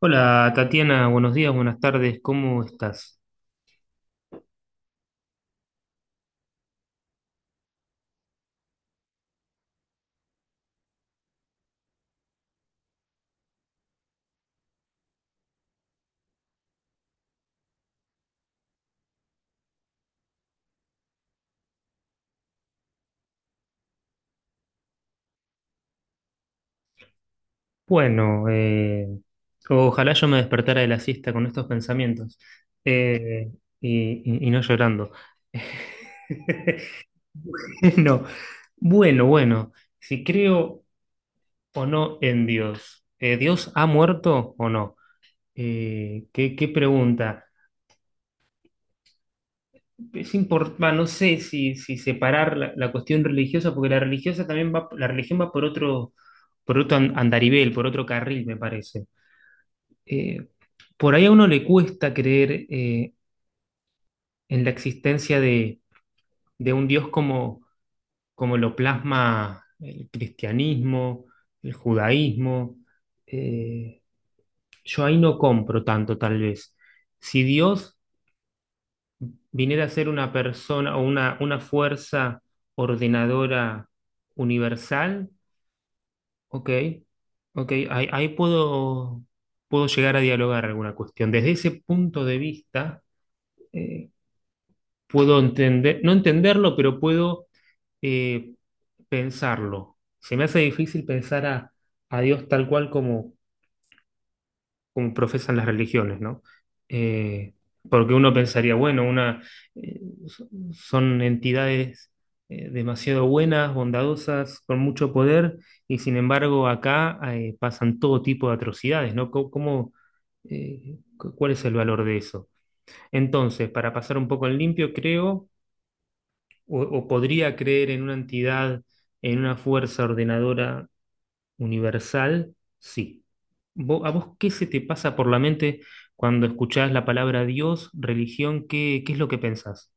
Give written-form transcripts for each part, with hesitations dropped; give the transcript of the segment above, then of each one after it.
Hola Tatiana, buenos días, buenas tardes, ¿cómo estás? Bueno, eh, Ojalá yo me despertara de la siesta con estos pensamientos eh, y no llorando. No, bueno, si creo o no en Dios. ¿Dios ha muerto o no? ¿Qué pregunta es importante? No sé si separar la cuestión religiosa, porque la religiosa también va, la religión va por otro andarivel, por otro carril, me parece. Eh, por ahí a uno le cuesta creer en la existencia de un Dios como, como lo plasma el cristianismo, el judaísmo. Eh, yo ahí no compro tanto, tal vez. Si Dios viniera a ser una persona o una fuerza ordenadora universal, ok, ok, ahí puedo, puedo llegar a dialogar alguna cuestión. Desde ese punto de vista, eh, puedo entender, no entenderlo, pero puedo eh, pensarlo. Se me hace difícil pensar a Dios tal cual como, como profesan las religiones, ¿no? Eh, Porque uno pensaría, bueno, una, eh, son entidades demasiado buenas, bondadosas, con mucho poder, y sin embargo acá pasan todo tipo de atrocidades, ¿no? ¿Cómo, cuál es el valor de eso? Entonces, para pasar un poco en limpio, creo, o podría creer en una entidad, en una fuerza ordenadora universal, sí. ¿A vos qué se te pasa por la mente cuando escuchás la palabra Dios, religión? ¿Qué es lo que pensás?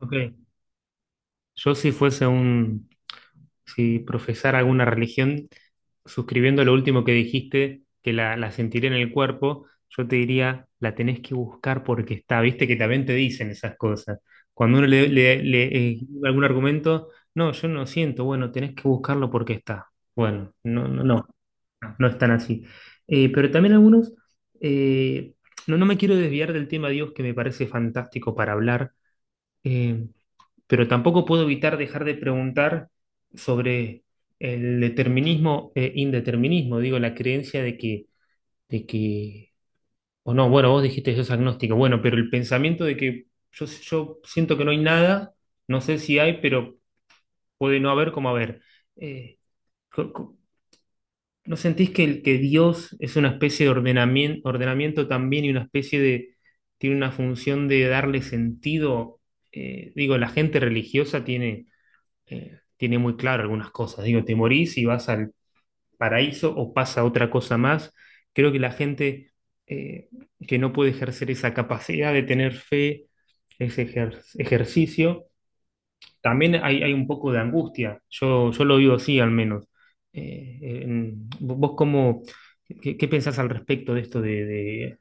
Ok, yo si fuese un, si profesara alguna religión, suscribiendo lo último que dijiste, que la sentiré en el cuerpo, yo te diría, la tenés que buscar porque está, viste que también te dicen esas cosas. Cuando uno le algún argumento, no, yo no siento, bueno, tenés que buscarlo porque está. Bueno, no, no, no, no están así. Pero también algunos, eh, no, no me quiero desviar del tema Dios, que me parece fantástico para hablar, eh, pero tampoco puedo evitar dejar de preguntar sobre el determinismo e indeterminismo. Digo, la creencia de que, o no, bueno, vos dijiste que sos agnóstico, bueno, pero el pensamiento de que yo siento que no hay nada, no sé si hay, pero puede no haber como haber. Eh, co- co- ¿No sentís que el que Dios es una especie de ordenamiento, ordenamiento también y una especie de, tiene una función de darle sentido? Digo, la gente religiosa tiene, tiene muy claro algunas cosas. Digo, te morís y vas al paraíso o pasa otra cosa más. Creo que la gente eh, que no puede ejercer esa capacidad de tener fe, ese ejercicio, también hay un poco de angustia. Yo lo vivo así al menos. ¿Vos cómo, qué pensás al respecto de esto de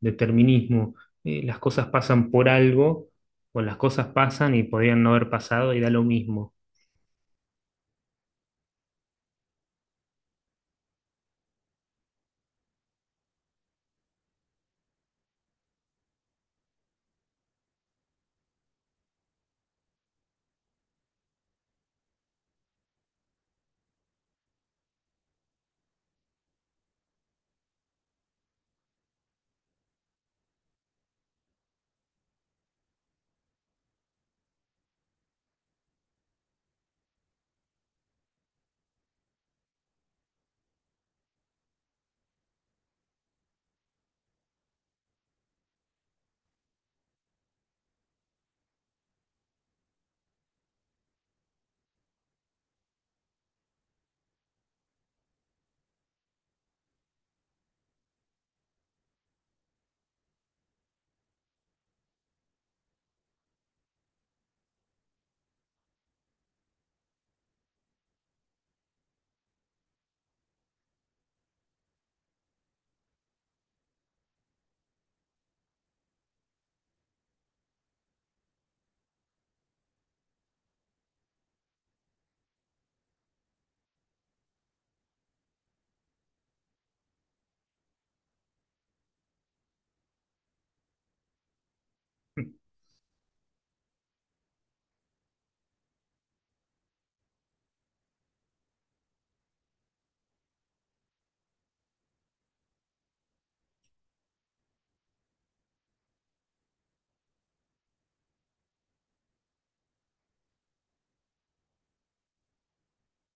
determinismo? ¿Las cosas pasan por algo, o las cosas pasan y podrían no haber pasado y da lo mismo?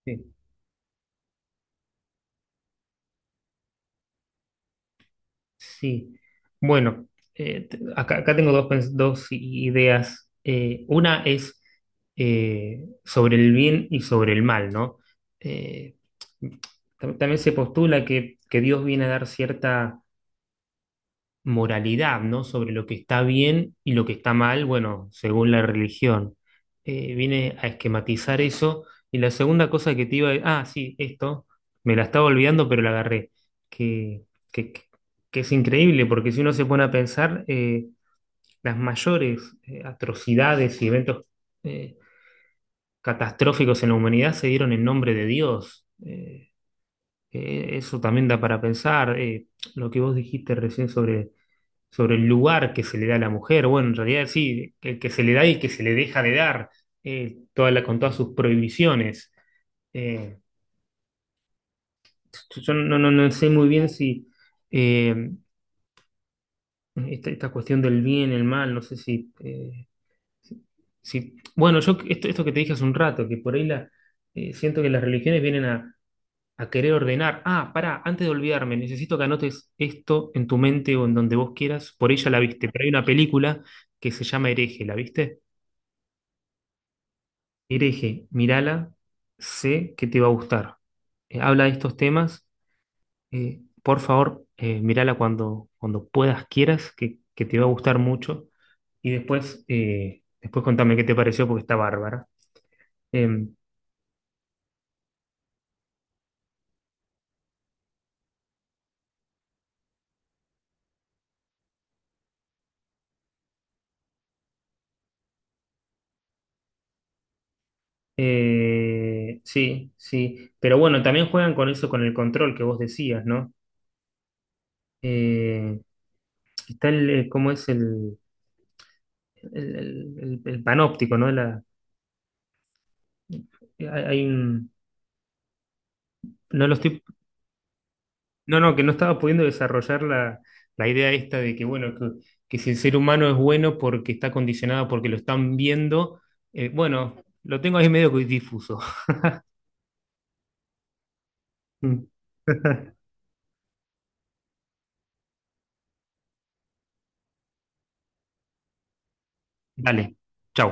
Sí, bueno, acá, acá tengo dos, dos ideas. Una es sobre el bien y sobre el mal, ¿no? Eh, También se postula que Dios viene a dar cierta moralidad, ¿no? Sobre lo que está bien y lo que está mal, bueno, según la religión. Viene a esquematizar eso. Y la segunda cosa que te iba a... Ah, sí, esto, me la estaba olvidando, pero la agarré. Que, que, que- es increíble, porque si uno se pone a pensar, las mayores atrocidades y eventos eh, catastróficos en la humanidad se dieron en nombre de Dios. Eso también da para pensar. Lo que vos dijiste recién sobre sobre el lugar que se le da a la mujer. Bueno, en realidad sí, que se le da y que se le deja de dar, con todas sus prohibiciones. Eh, yo no sé muy bien si eh, esta cuestión del bien, el mal, no sé si... si- si, bueno, yo esto, esto que te dije hace un rato, que por ahí la, siento que las religiones vienen a querer ordenar. Ah, pará, antes de olvidarme, necesito que anotes esto en tu mente o en donde vos quieras. Por ella la viste, pero hay una película que se llama Hereje, ¿la viste? Hereje, mírala, sé que te va a gustar. Habla de estos temas, por favor, mírala cuando, cuando puedas, quieras, que te va a gustar mucho. Y después, después contame qué te pareció porque está bárbara. Eh, sí, sí. Pero bueno, también juegan con eso, con el control que vos decías, ¿no? Eh, Está el, ¿cómo es el, el- el panóptico, ¿no? La, hay un, no lo estoy. No, no, que no estaba pudiendo desarrollar la, la idea esta de que, bueno, que si el ser humano es bueno porque está condicionado, porque lo están viendo, bueno, lo tengo ahí medio que difuso. Dale, chau.